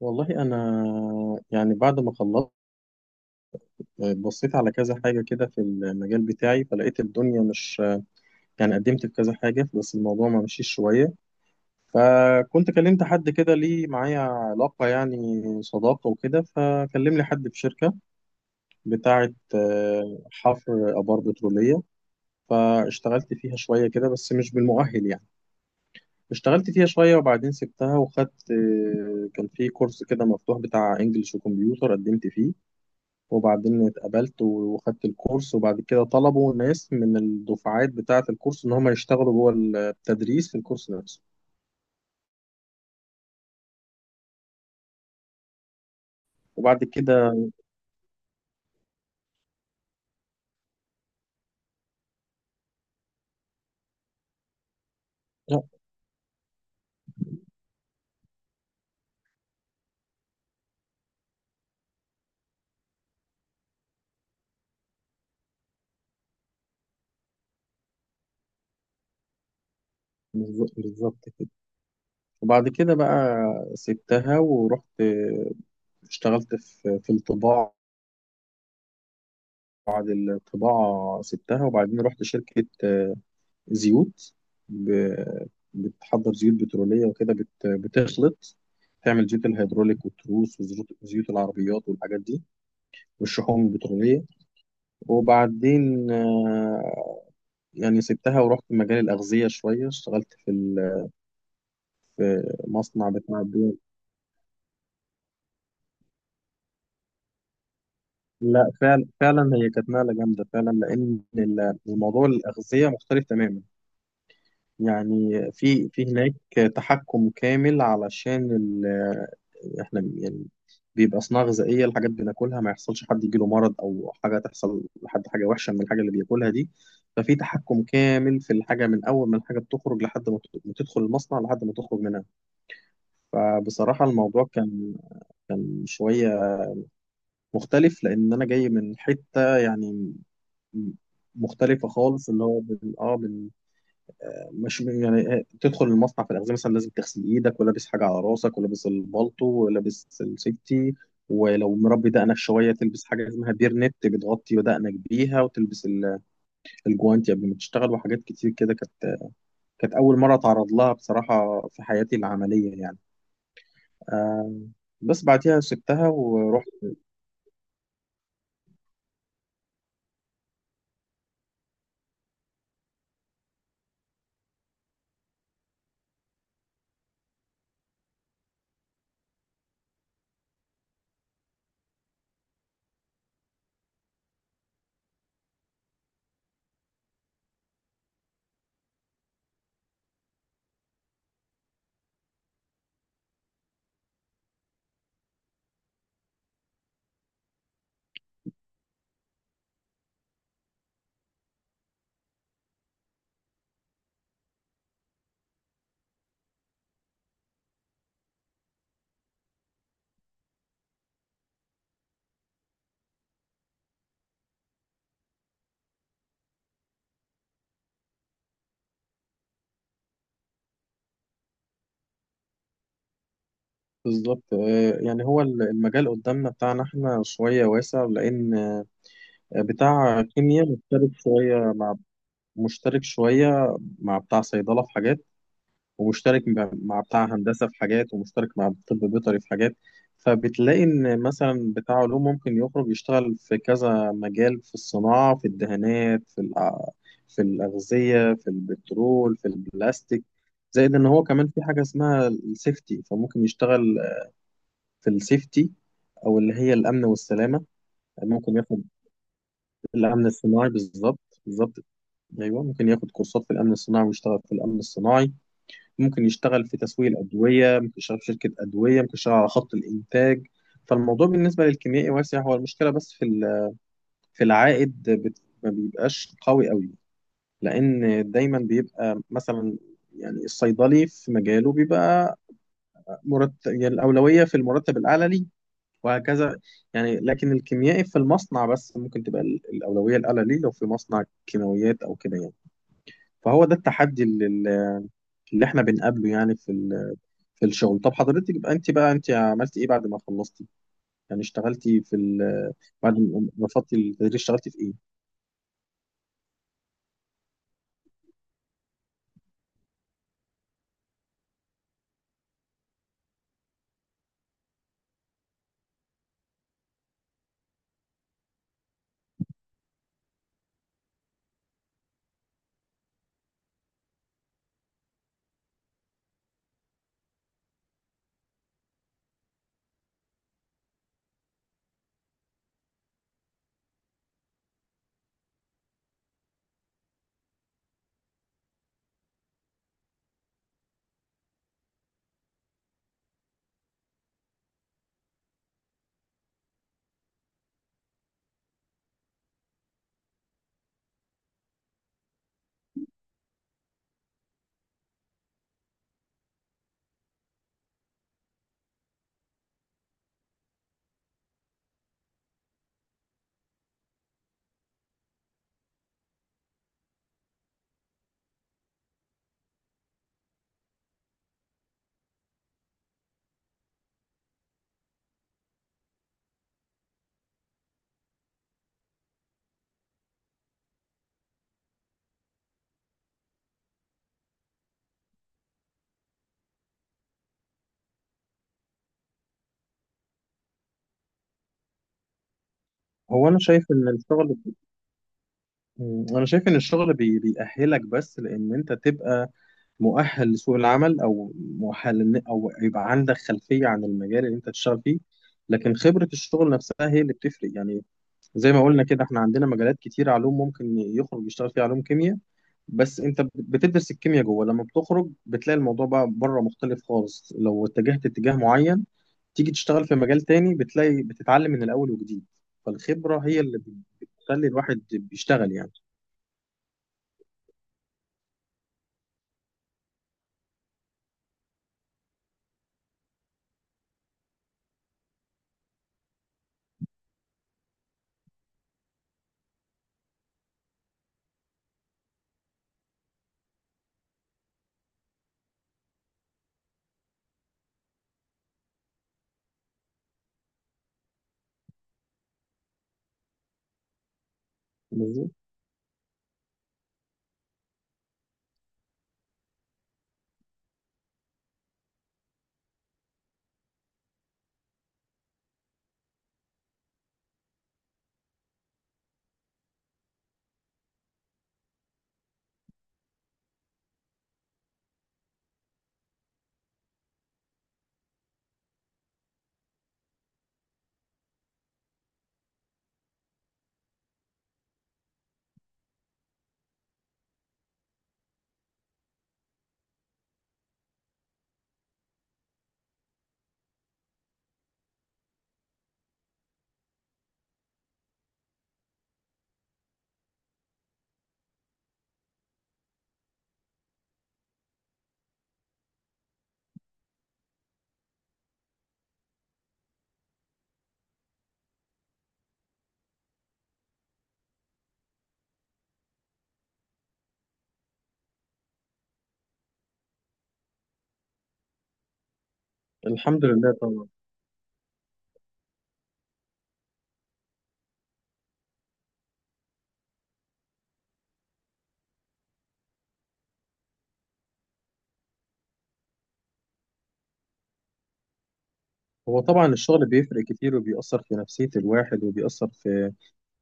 والله انا، يعني بعد ما خلصت، بصيت على كذا حاجه كده في المجال بتاعي، فلقيت الدنيا مش. يعني قدمت في كذا حاجه بس الموضوع ما مشيش شويه. فكنت كلمت حد كده ليه معايا علاقه، يعني صداقه وكده، فكلم لي حد في شركه بتاعه، حفر ابار بتروليه. فاشتغلت فيها شويه كده بس مش بالمؤهل يعني. اشتغلت فيها شويه وبعدين سبتها وخدت، كان في كورس كده مفتوح بتاع انجلش وكمبيوتر، قدمت فيه وبعدين اتقبلت وخدت الكورس. وبعد كده طلبوا ناس من الدفعات بتاعة الكورس إن هم يشتغلوا جوه التدريس في الكورس نفسه. وبعد كده، لا، بالظبط كده. وبعد كده بقى سبتها ورحت، اشتغلت في الطباعة. بعد الطباعة سبتها، وبعدين رحت شركة زيوت، ب- بتحضر زيوت بترولية وكده، بتخلط، تعمل زيوت الهيدروليك والتروس وزيوت، زيوت العربيات والحاجات دي، والشحوم البترولية. وبعدين يعني سبتها ورحت مجال الأغذية شوية. اشتغلت في مصنع بتاع بيض. لا، فعلا فعلا هي كانت نقلة جامدة فعلا، لأن الموضوع الأغذية مختلف تماما. يعني في هناك تحكم كامل، علشان احنا يعني بيبقى صناعة غذائية، الحاجات بناكلها ما يحصلش حد يجيله مرض أو حاجة، تحصل لحد حاجة وحشة من الحاجة اللي بياكلها دي. ففي تحكم كامل في الحاجة من أول ما الحاجة بتخرج، لحد ما ما تدخل المصنع لحد ما تخرج منها. فبصراحة الموضوع كان، كان شوية مختلف، لأن أنا جاي من حتة، يعني م- مختلفة خالص، اللي هو مش يعني. تدخل المصنع في الأغذية مثلا لازم تغسل إيدك، ولابس حاجة على راسك، ولابس البالطو، ولابس السيفتي. ولو مربي دقنك شوية تلبس حاجة اسمها بيرنت بتغطي دقنك بيها، وتلبس الجوانتي قبل ما تشتغل. وحاجات كتير كده كانت أول مرة أتعرض لها بصراحة في حياتي العملية يعني. آه، بس بعديها سبتها ورحت. بالظبط. يعني هو المجال قدامنا بتاعنا احنا شوية واسع، لأن بتاع كيمياء مختلف شوية، مشترك شوية مع بتاع صيدلة في حاجات، ومشترك مع بتاع هندسة في حاجات، ومشترك مع طب بيطري في حاجات. فبتلاقي إن مثلا بتاع علوم ممكن يخرج يشتغل في كذا مجال، في الصناعة، في الدهانات، في الأغذية، في البترول، في البلاستيك. زائد إن هو كمان في حاجة اسمها السيفتي، فممكن يشتغل في السيفتي، أو اللي هي الأمن والسلامة. ممكن ياخد الأمن الصناعي، بالظبط بالظبط، ايوه ممكن ياخد كورسات في الامن الصناعي ويشتغل في الامن الصناعي. ممكن يشتغل في تسويق الأدوية، ممكن يشتغل في شركة أدوية، ممكن يشتغل على خط الإنتاج. فالموضوع بالنسبة للكيميائي واسع، هو المشكلة بس في العائد، ما بيبقاش قوي قوي، لأن دايما بيبقى مثلا، يعني الصيدلي في مجاله بيبقى مرتب، يعني الأولوية في المرتب الأعلى ليه، وهكذا. يعني لكن الكيميائي في المصنع بس، ممكن تبقى الأولوية الأعلى ليه لو في مصنع كيماويات أو كده يعني. فهو ده التحدي اللي احنا بنقابله، يعني في الشغل. طب حضرتك يبقى انت بقى، انت عملتي ايه بعد ما خلصتي؟ يعني اشتغلتي في ال... بعد ما رفضتي التدريس اشتغلتي في ايه؟ هو انا شايف ان الشغل، انا شايف ان الشغل بيأهلك، بس لان انت تبقى مؤهل لسوق العمل، او مؤهل او يبقى عندك خلفية عن المجال اللي انت تشتغل فيه، لكن خبرة الشغل نفسها هي اللي بتفرق يعني. زي ما قلنا كده، احنا عندنا مجالات كتير، علوم ممكن يخرج يشتغل فيها علوم كيمياء، بس انت بتدرس الكيمياء جوه. لما بتخرج بتلاقي الموضوع بقى بره مختلف خالص، لو اتجهت اتجاه معين، تيجي تشتغل في مجال تاني بتلاقي بتتعلم من الاول وجديد. فالخبرة هي اللي بتخلي الواحد بيشتغل يعني. فاهم قصدي؟ الحمد لله طبعا. هو طبعا الشغل بيفرق كتير، وبيأثر في نفسية الواحد، وبيأثر في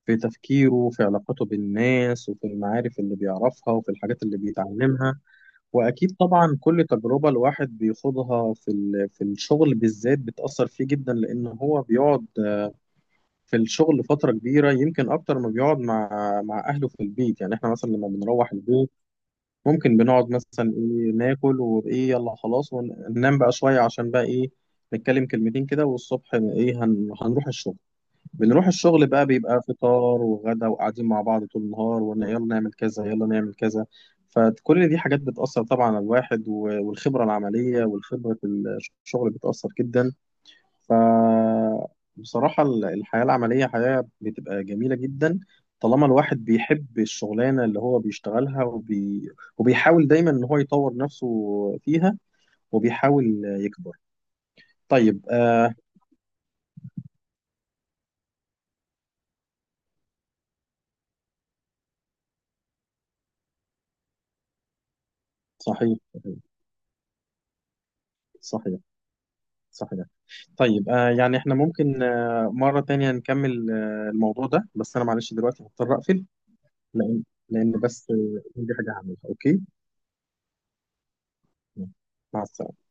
في تفكيره، وفي علاقته بالناس، وفي المعارف اللي بيعرفها، وفي الحاجات اللي بيتعلمها. واكيد طبعا كل تجربه الواحد بيخوضها في الشغل بالذات بتاثر فيه جدا، لان هو بيقعد في الشغل فتره كبيره، يمكن اكتر ما بيقعد مع اهله في البيت. يعني احنا مثلا لما بنروح البيت، ممكن بنقعد مثلا، ايه ناكل، وايه يلا خلاص وننام بقى شويه، عشان بقى ايه نتكلم كلمتين كده، والصبح ايه هنروح الشغل. بنروح الشغل بقى بيبقى فطار وغدا وقاعدين مع بعض طول النهار، وقلنا يلا نعمل كذا يلا نعمل كذا. فكل دي حاجات بتأثر طبعا على الواحد، والخبرة العملية، والخبرة الشغل بتأثر جدا. ف بصراحة الحياة العملية حياة بتبقى جميلة جدا، طالما الواحد بيحب الشغلانة اللي هو بيشتغلها، وبيحاول دايما إن هو يطور نفسه فيها، وبيحاول يكبر. طيب، صحيح صحيح صحيح. صحيح. طيب، يعني احنا ممكن مرة تانية نكمل الموضوع ده، بس أنا معلش دلوقتي هضطر أقفل. لأن، بس عندي حاجة هعملها. أوكي، مع السلامة.